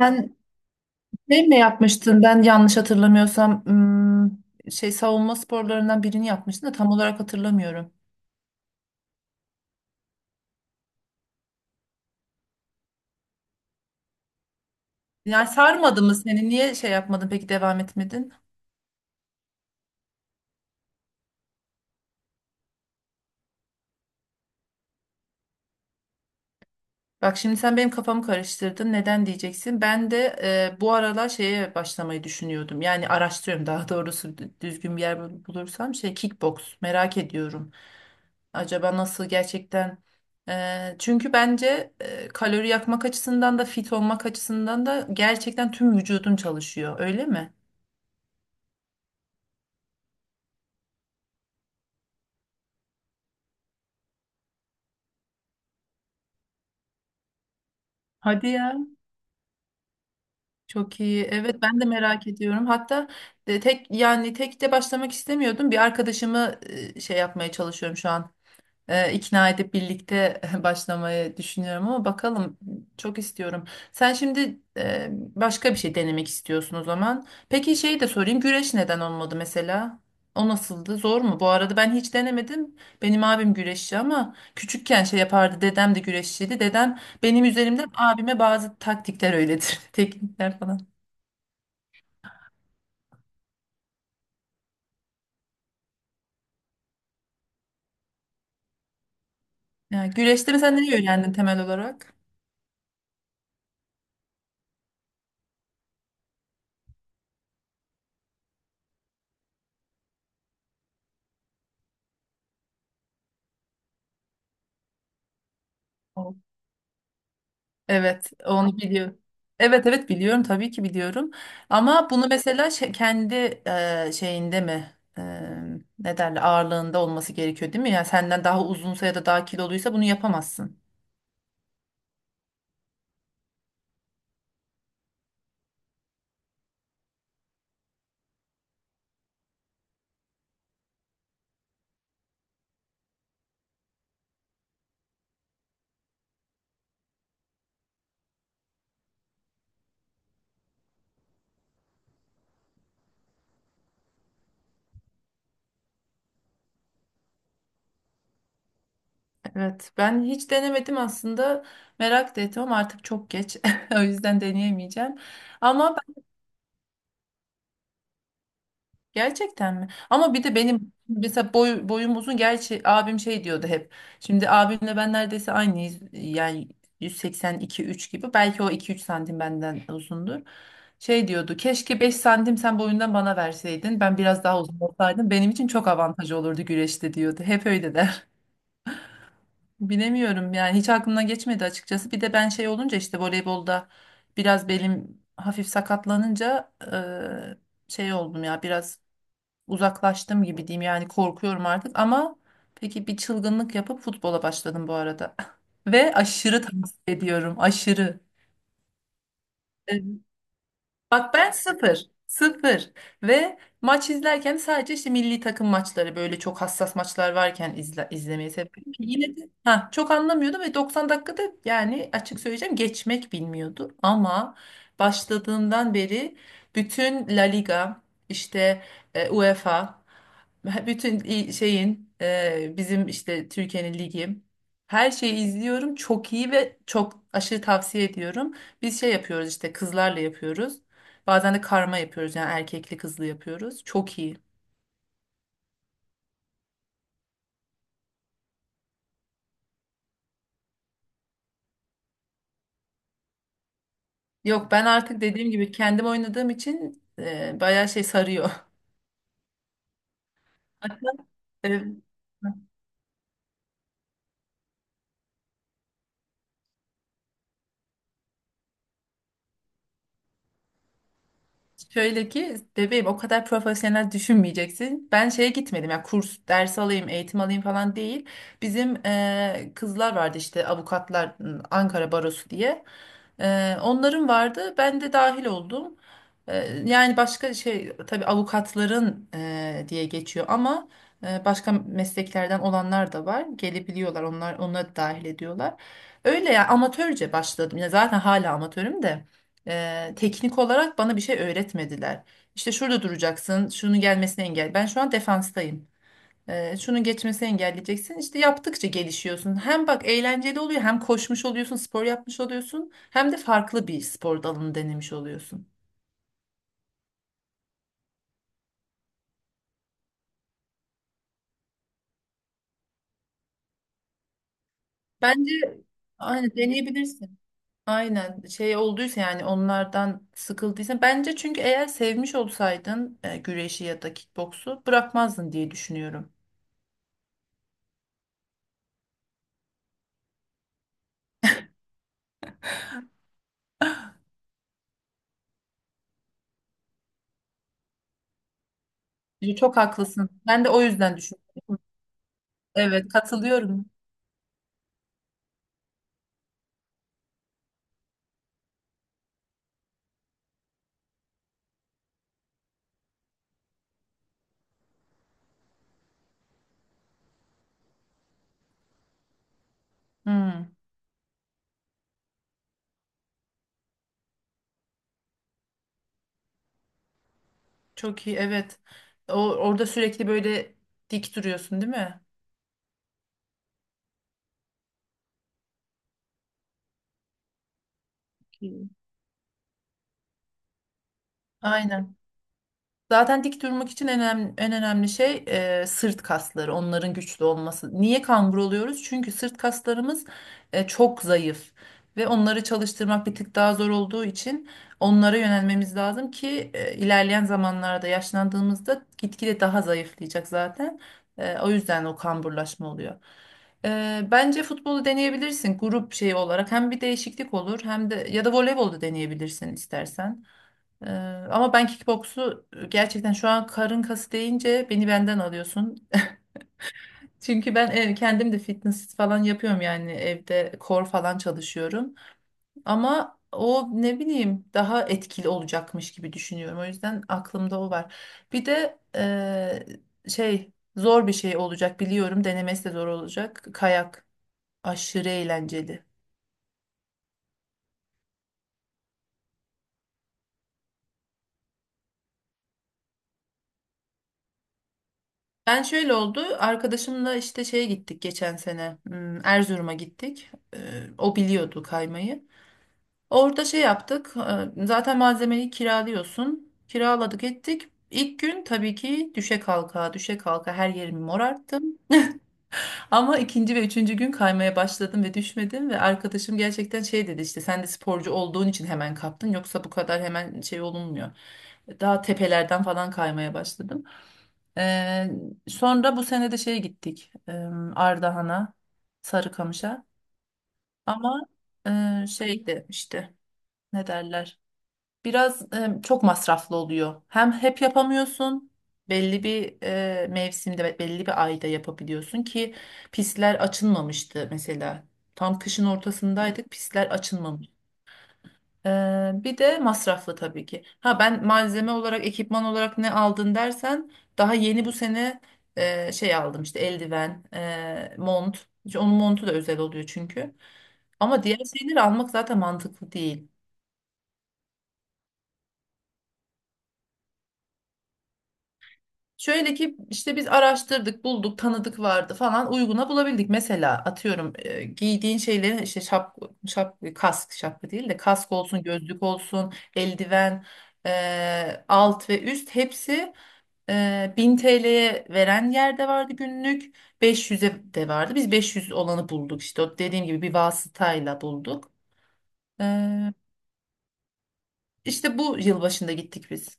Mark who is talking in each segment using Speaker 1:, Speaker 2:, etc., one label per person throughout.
Speaker 1: Sen şey mi yapmıştın? Ben yanlış hatırlamıyorsam şey savunma sporlarından birini yapmıştın da tam olarak hatırlamıyorum. Yani sarmadı mı seni? Niye şey yapmadın peki devam etmedin? Bak şimdi sen benim kafamı karıştırdın. Neden diyeceksin? Ben de bu aralar şeye başlamayı düşünüyordum. Yani araştırıyorum daha doğrusu düzgün bir yer bulursam şey kickbox merak ediyorum. Acaba nasıl gerçekten? Çünkü bence kalori yakmak açısından da fit olmak açısından da gerçekten tüm vücudun çalışıyor. Öyle mi? Hadi ya. Çok iyi. Evet ben de merak ediyorum. Hatta de tek yani tek de başlamak istemiyordum. Bir arkadaşımı şey yapmaya çalışıyorum şu an. E, ikna edip birlikte başlamayı düşünüyorum ama bakalım çok istiyorum. Sen şimdi başka bir şey denemek istiyorsun o zaman. Peki şeyi de sorayım güreş neden olmadı mesela? O nasıldı? Zor mu? Bu arada ben hiç denemedim. Benim abim güreşçi ama küçükken şey yapardı. Dedem de güreşçiydi. Dedem benim üzerimden abime bazı taktikler öyledir. Teknikler falan. Yani güreşte mesela neyi öğrendin temel olarak? Evet, onu biliyorum. Evet evet biliyorum tabii ki biliyorum. Ama bunu mesela kendi şeyinde mi e, ne derler ağırlığında olması gerekiyor değil mi? Yani senden daha uzunsa ya da daha kiloluysa bunu yapamazsın. Evet ben hiç denemedim aslında merak da ettim ama artık çok geç o yüzden deneyemeyeceğim. Ama gerçekten mi? Ama bir de benim mesela boyum uzun. Gerçi abim şey diyordu hep. Şimdi abimle ben neredeyse aynıyız. Yani 182-3 gibi. Belki o 2-3 santim benden uzundur. Şey diyordu. Keşke 5 santim sen boyundan bana verseydin. Ben biraz daha uzun olsaydım. Benim için çok avantaj olurdu güreşte diyordu. Hep öyle der. Bilemiyorum yani hiç aklımdan geçmedi açıkçası. Bir de ben şey olunca işte voleybolda biraz belim hafif sakatlanınca şey oldum ya biraz uzaklaştım gibi diyeyim yani korkuyorum artık ama peki bir çılgınlık yapıp futbola başladım bu arada. Ve aşırı tavsiye ediyorum aşırı. Bak ben sıfır. Sıfır. Ve maç izlerken sadece işte milli takım maçları böyle çok hassas maçlar varken izlemeyi seviyorum. Yine de ha, çok anlamıyordum ve 90 dakikada yani açık söyleyeceğim geçmek bilmiyordu. Ama başladığından beri bütün La Liga işte UEFA bütün şeyin bizim işte Türkiye'nin ligi her şeyi izliyorum. Çok iyi ve çok aşırı tavsiye ediyorum. Biz şey yapıyoruz işte kızlarla yapıyoruz. Bazen de karma yapıyoruz yani erkekli kızlı yapıyoruz. Çok iyi. Yok ben artık dediğim gibi kendim oynadığım için bayağı şey sarıyor. Hatta e, şöyle ki bebeğim o kadar profesyonel düşünmeyeceksin. Ben şeye gitmedim ya kurs, ders alayım, eğitim alayım falan değil. Bizim kızlar vardı işte avukatlar Ankara Barosu diye. Onların vardı. Ben de dahil oldum. Yani başka şey tabii avukatların diye geçiyor ama başka mesleklerden olanlar da var. Gelebiliyorlar onlar onları da dahil ediyorlar. Öyle ya amatörce başladım. Ya zaten hala amatörüm de. Teknik olarak bana bir şey öğretmediler. İşte şurada duracaksın, şunun gelmesini engel. Ben şu an defanstayım. Şunun geçmesini engelleyeceksin. İşte yaptıkça gelişiyorsun. Hem bak eğlenceli oluyor, hem koşmuş oluyorsun, spor yapmış oluyorsun, hem de farklı bir spor dalını denemiş oluyorsun. Bence aynı deneyebilirsin. Aynen şey olduysa yani onlardan sıkıldıysan bence çünkü eğer sevmiş olsaydın güreşi ya da kickboksu bırakmazdın diye düşünüyorum. Çok haklısın. Ben de o yüzden düşünüyorum. Evet katılıyorum. Hmm, çok iyi evet. Orada sürekli böyle dik duruyorsun değil mi? Hı. Aynen. Zaten dik durmak için en önemli, en önemli şey sırt kasları, onların güçlü olması. Niye kambur oluyoruz? Çünkü sırt kaslarımız çok zayıf ve onları çalıştırmak bir tık daha zor olduğu için onlara yönelmemiz lazım ki ilerleyen zamanlarda yaşlandığımızda gitgide daha zayıflayacak zaten. O yüzden o kamburlaşma oluyor. Bence futbolu deneyebilirsin grup şeyi olarak. Hem bir değişiklik olur hem de ya da voleybolu deneyebilirsin istersen. Ee, ama ben kickboksu gerçekten şu an karın kası deyince beni benden alıyorsun. Çünkü ben kendim de fitness falan yapıyorum yani evde core falan çalışıyorum. Ama o ne bileyim daha etkili olacakmış gibi düşünüyorum. O yüzden aklımda o var. Bir de şey zor bir şey olacak biliyorum. Denemesi de zor olacak. Kayak aşırı eğlenceli. Ben şöyle oldu. Arkadaşımla işte şeye gittik geçen sene. Erzurum'a gittik. O biliyordu kaymayı. Orada şey yaptık. Zaten malzemeyi kiralıyorsun. Kiraladık ettik. İlk gün tabii ki düşe kalka düşe kalka her yerimi morarttım. Ama ikinci ve üçüncü gün kaymaya başladım ve düşmedim. Ve arkadaşım gerçekten şey dedi işte sen de sporcu olduğun için hemen kaptın. Yoksa bu kadar hemen şey olunmuyor. Daha tepelerden falan kaymaya başladım. Ee, sonra bu sene de şeye gittik. Ardahan'a, Sarıkamış'a. Ama şeydi işte ne derler? Biraz çok masraflı oluyor. Hem hep yapamıyorsun. Belli bir mevsimde ve belli bir ayda yapabiliyorsun ki pistler açılmamıştı mesela. Tam kışın ortasındaydık. Pistler açılmamış. Bir de masraflı tabii ki. Ha ben malzeme olarak, ekipman olarak ne aldın dersen daha yeni bu sene şey aldım işte eldiven, mont. İşte onun montu da özel oluyor çünkü. Ama diğer şeyleri almak zaten mantıklı değil. Şöyle ki işte biz araştırdık, bulduk, tanıdık vardı falan uyguna bulabildik. Mesela atıyorum giydiğin şeylerin işte şap, kask, şapka değil de kask olsun, gözlük olsun, eldiven, alt ve üst hepsi 1000 TL'ye veren yer de vardı günlük. 500'e de vardı. Biz 500 olanı bulduk işte. O dediğim gibi bir vasıtayla bulduk. Ee, işte bu yılbaşında gittik biz.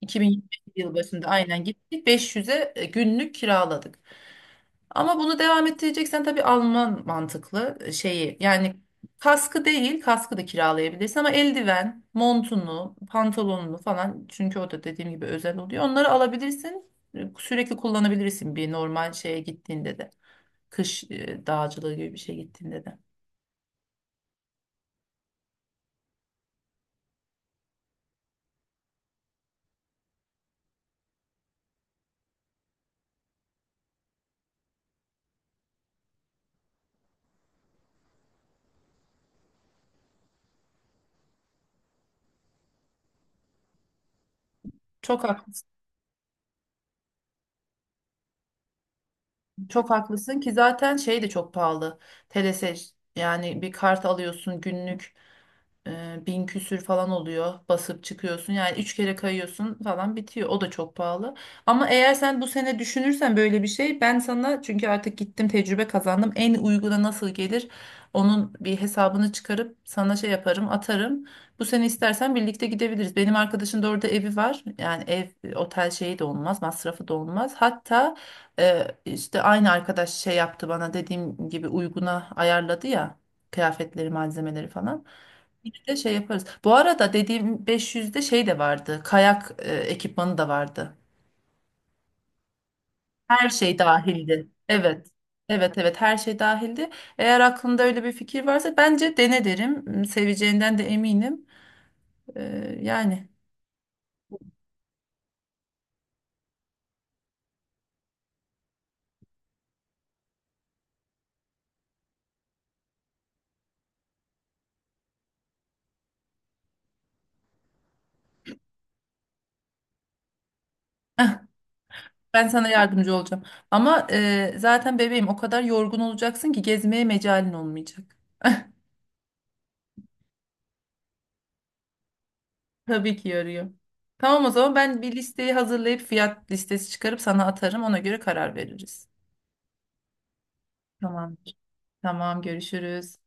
Speaker 1: 2022 yıl başında aynen gittik. 500'e günlük kiraladık. Ama bunu devam ettireceksen tabii Alman mantıklı şeyi. Yani kaskı değil, kaskı da kiralayabilirsin ama eldiven, montunu, pantolonunu falan çünkü o da dediğim gibi özel oluyor. Onları alabilirsin. Sürekli kullanabilirsin bir normal şeye gittiğinde de. Kış dağcılığı gibi bir şey gittiğinde de. Çok haklı. Çok haklısın ki zaten şey de çok pahalı. Telese yani bir kart alıyorsun günlük bin küsür falan oluyor basıp çıkıyorsun yani üç kere kayıyorsun falan bitiyor o da çok pahalı ama eğer sen bu sene düşünürsen böyle bir şey ben sana çünkü artık gittim tecrübe kazandım en uyguna nasıl gelir onun bir hesabını çıkarıp sana şey yaparım atarım bu sene istersen birlikte gidebiliriz benim arkadaşın da orada evi var yani ev otel şeyi de olmaz masrafı da olmaz hatta işte aynı arkadaş şey yaptı bana dediğim gibi uyguna ayarladı ya kıyafetleri malzemeleri falan bir de şey yaparız. Bu arada dediğim 500'de şey de vardı. Kayak ekipmanı da vardı. Her şey dahildi. Evet. Evet evet her şey dahildi. Eğer aklında öyle bir fikir varsa bence dene derim. Seveceğinden de eminim. Yani ben sana yardımcı olacağım. Ama zaten bebeğim o kadar yorgun olacaksın ki gezmeye mecalin olmayacak. Tabii ki yarıyor. Tamam o zaman ben bir listeyi hazırlayıp fiyat listesi çıkarıp sana atarım. Ona göre karar veririz. Tamam. Tamam görüşürüz.